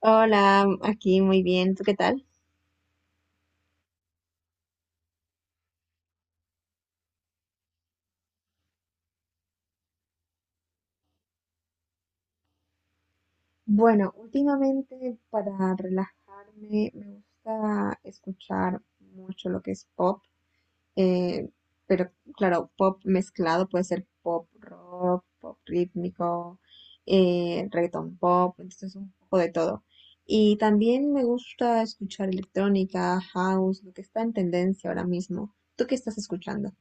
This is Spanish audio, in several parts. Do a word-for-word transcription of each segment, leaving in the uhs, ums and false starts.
Hola, aquí muy bien, ¿tú qué tal? Bueno, últimamente para relajarme me gusta escuchar mucho lo que es pop, eh, pero claro, pop mezclado puede ser pop rock, pop rítmico, eh, reggaeton pop, entonces un poco de todo. Y también me gusta escuchar electrónica, house, lo que está en tendencia ahora mismo. ¿Tú qué estás escuchando?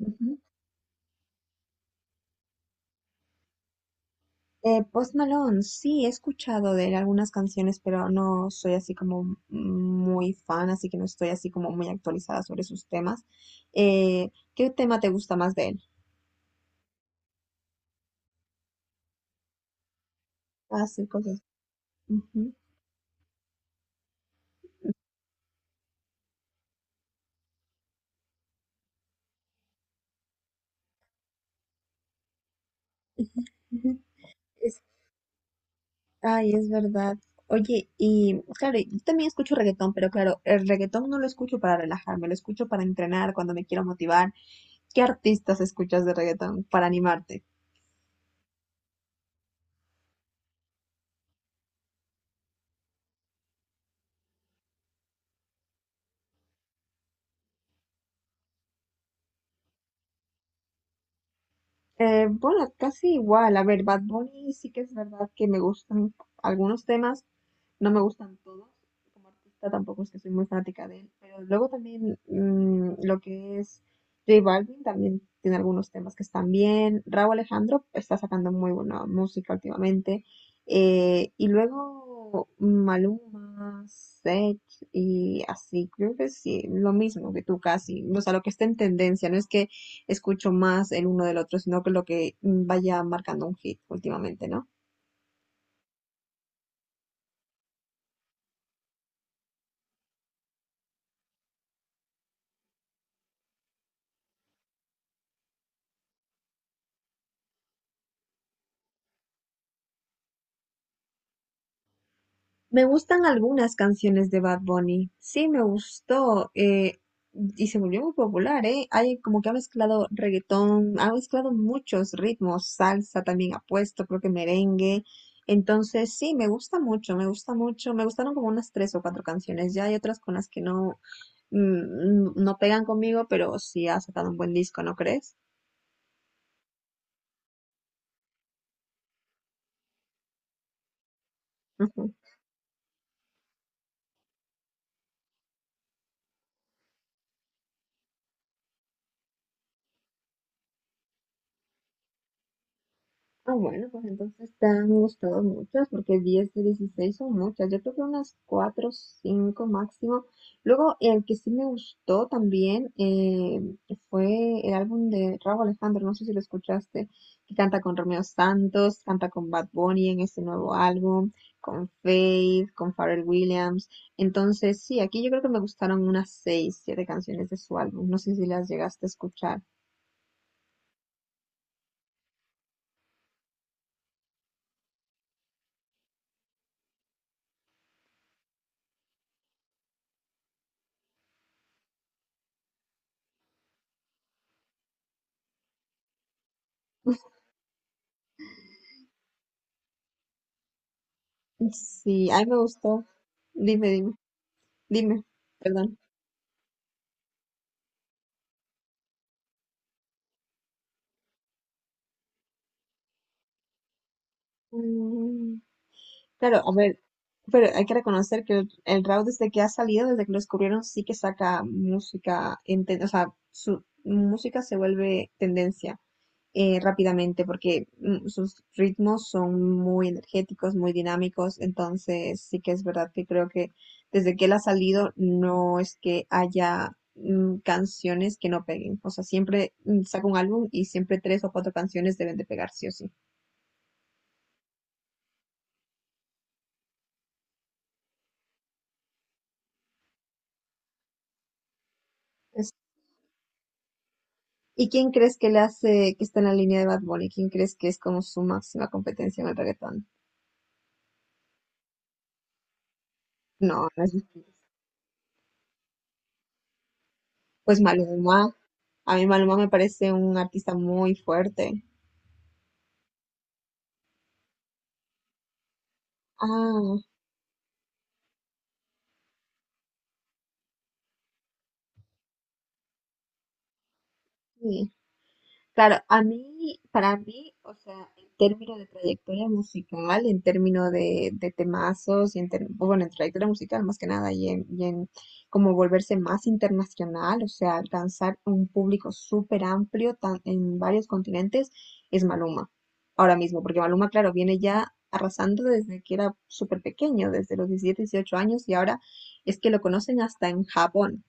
Ujú. Eh, Post Malone, sí, he escuchado de él algunas canciones, pero no soy así como muy fan, así que no estoy así como muy actualizada sobre sus temas. Eh, ¿qué tema te gusta más de él? Hacer cosas. Ujú, ujú, ujú. Es- ay, es verdad. Oye, y claro, yo también escucho reggaetón, pero claro, el reggaetón no lo escucho para relajarme, lo escucho para entrenar, cuando me quiero motivar. ¿Qué artistas escuchas de reggaetón para animarte? Eh, bueno, casi igual. A ver, Bad Bunny sí que es verdad que me gustan algunos temas, no me gustan todos. Como artista tampoco es que soy muy fanática de él. Pero luego también mm, lo que es J Balvin también tiene algunos temas que están bien. Rauw Alejandro está sacando muy buena música últimamente. Eh, y luego Maluma, Sech y así. Creo que sí, lo mismo que tú casi. O sea, lo que está en tendencia. No es que escucho más el uno del otro, sino que lo que vaya marcando un hit últimamente, ¿no? Me gustan algunas canciones de Bad Bunny. Sí, me gustó. Eh, y se volvió muy popular, ¿eh? Hay como que ha mezclado reggaetón, ha mezclado muchos ritmos, salsa también ha puesto, creo que merengue. Entonces, sí, me gusta mucho, me gusta mucho. Me gustaron como unas tres o cuatro canciones. Ya hay otras con las que no, mm, mm, no pegan conmigo, pero sí ha sacado un buen disco, ¿no crees? Ujú. Ah, bueno, pues entonces te han gustado muchas, porque diez de dieciséis son muchas. Yo creo que unas cuatro, cinco máximo. Luego, el que sí me gustó también eh, fue el álbum de Rauw Alejandro, no sé si lo escuchaste, que canta con Romeo Santos, canta con Bad Bunny en este nuevo álbum, con Faith, con Pharrell Williams. Entonces, sí, aquí yo creo que me gustaron unas seis, siete canciones de su álbum. No sé si las llegaste a escuchar. Sí, a mí me gustó. Dime, dime. Dime, perdón. Mm, claro, a ver, pero hay que reconocer que el, el Raw desde que ha salido, desde que lo descubrieron, sí que saca música, en ten- o sea, su música se vuelve tendencia eh, rápidamente porque mm, sus ritmos son muy energéticos, muy dinámicos, entonces sí que es verdad que creo que desde que él ha salido no es que haya mm, canciones que no peguen, o sea, siempre mm, saca un álbum y siempre tres o cuatro canciones deben de pegar sí o sí. ¿Y quién crees que le hace, que está en la línea de Bad Bunny? ¿Quién crees que es como su máxima competencia en el reggaetón? No, no es, pues Maluma. A mí Maluma me parece un artista muy fuerte. Ah, sí. Claro, a mí, para mí, o sea, en términos de, trayectoria musical, en términos de, de temazos, y en ter- bueno, en trayectoria musical más que nada, y en, y en como volverse más internacional, o sea, alcanzar un público súper amplio tan- en varios continentes, es Maluma, ahora mismo, porque Maluma, claro, viene ya arrasando desde que era súper pequeño, desde los diecisiete, dieciocho años, y ahora es que lo conocen hasta en Japón,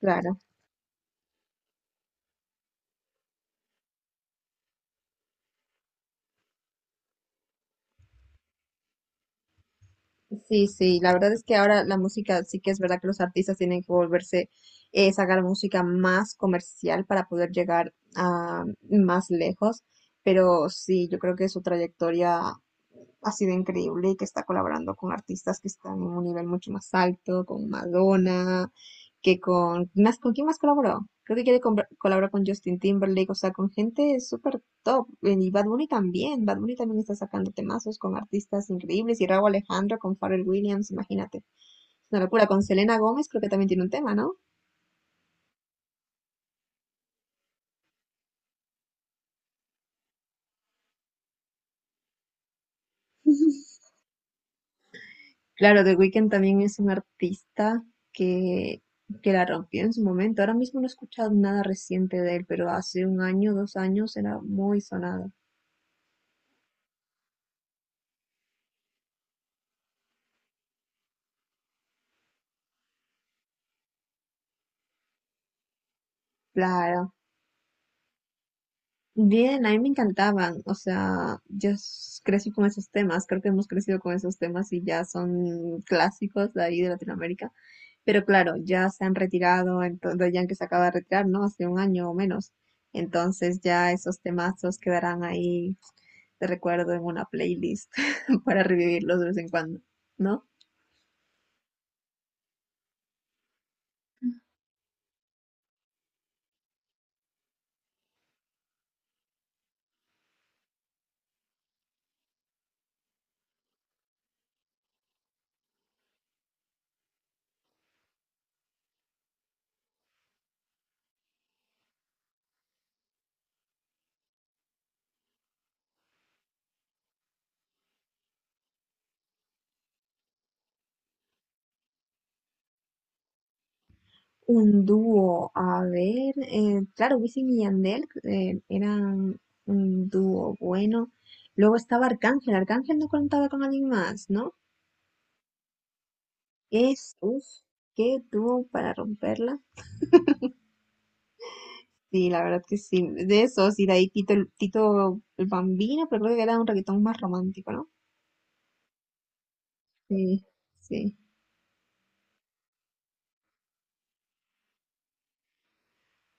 claro. Sí, sí, la verdad es que ahora la música, sí que es verdad que los artistas tienen que volverse, eh, sacar música más comercial para poder llegar a más lejos, pero sí, yo creo que su trayectoria ha sido increíble y que está colaborando con artistas que están en un nivel mucho más alto, con Madonna, que con... Más, ¿con quién más colaboró? Creo que quiere compra- colaborar con Justin Timberlake, o sea, con gente súper top. Eh, Y Bad Bunny también, Bad Bunny también está sacando temazos con artistas increíbles. Y Rauw Alejandro con Pharrell Williams, imagínate. Es una locura. Con Selena Gómez creo que también tiene un tema, ¿no? Claro, The Weeknd también es un artista que, que la rompió en su momento. Ahora mismo no he escuchado nada reciente de él, pero hace un año, dos años era muy sonado. Claro. Bien, a mí me encantaban. O sea, yo s- crecí con esos temas. Creo que hemos crecido con esos temas y ya son clásicos de ahí de Latinoamérica. Pero claro, ya se han retirado, entonces ya que se acaba de retirar, ¿no? Hace un año o menos. Entonces ya esos temazos quedarán ahí te recuerdo en una playlist para revivirlos de vez en cuando, ¿no? Un dúo, a ver, eh, claro, Wisin y Yandel eh, eran un dúo bueno. Luego estaba Arcángel, Arcángel no contaba con alguien más, ¿no? Es, uff, qué dúo para romperla. Sí, la verdad que sí, de esos, y de ahí Tito, el- Tito el Bambino, pero creo que era un reggaetón más romántico, ¿no? Sí, sí.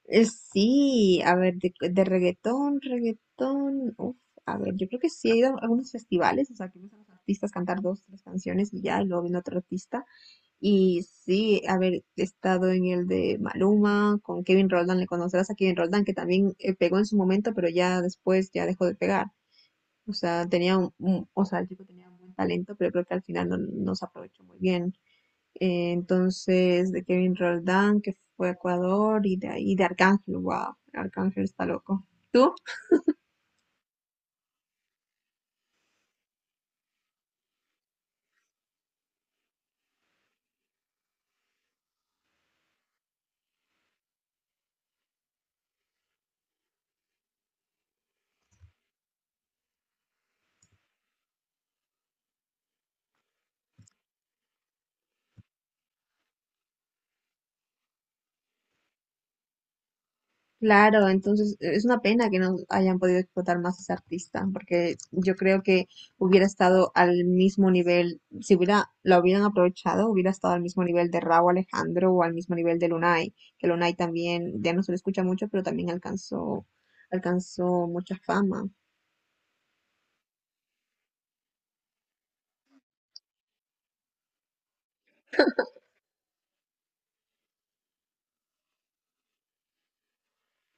Eh, Sí, a ver, de, de reggaetón, reggaetón, uf, a ver, yo creo que sí he ido a algunos festivales, o sea, que ves a los artistas cantar dos, tres canciones y ya, y luego viene otro artista. Y sí, a ver, he estado en el de Maluma, con Kevin Roldán, le conocerás a Kevin Roldán, que también eh, pegó en su momento, pero ya después ya dejó de pegar. O sea, tenía un, un- o sea, el chico tenía un buen talento, pero creo que al final no, no se aprovechó muy bien eh, entonces de Kevin Roldán, que fue a Ecuador, y de, y de, Arcángel, wow, Arcángel está loco. ¿Tú? Claro, entonces eh, es una pena que no hayan podido explotar más a ese artista, porque yo creo que hubiera estado al mismo nivel, si hubiera, la hubieran aprovechado, hubiera estado al mismo nivel de Rauw Alejandro o al mismo nivel de Lunay, que Lunay también, ya no se le escucha mucho, pero también alcanzó, alcanzó mucha fama.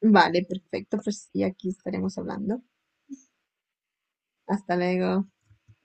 Vale, perfecto, pues y aquí estaremos hablando. Hasta luego.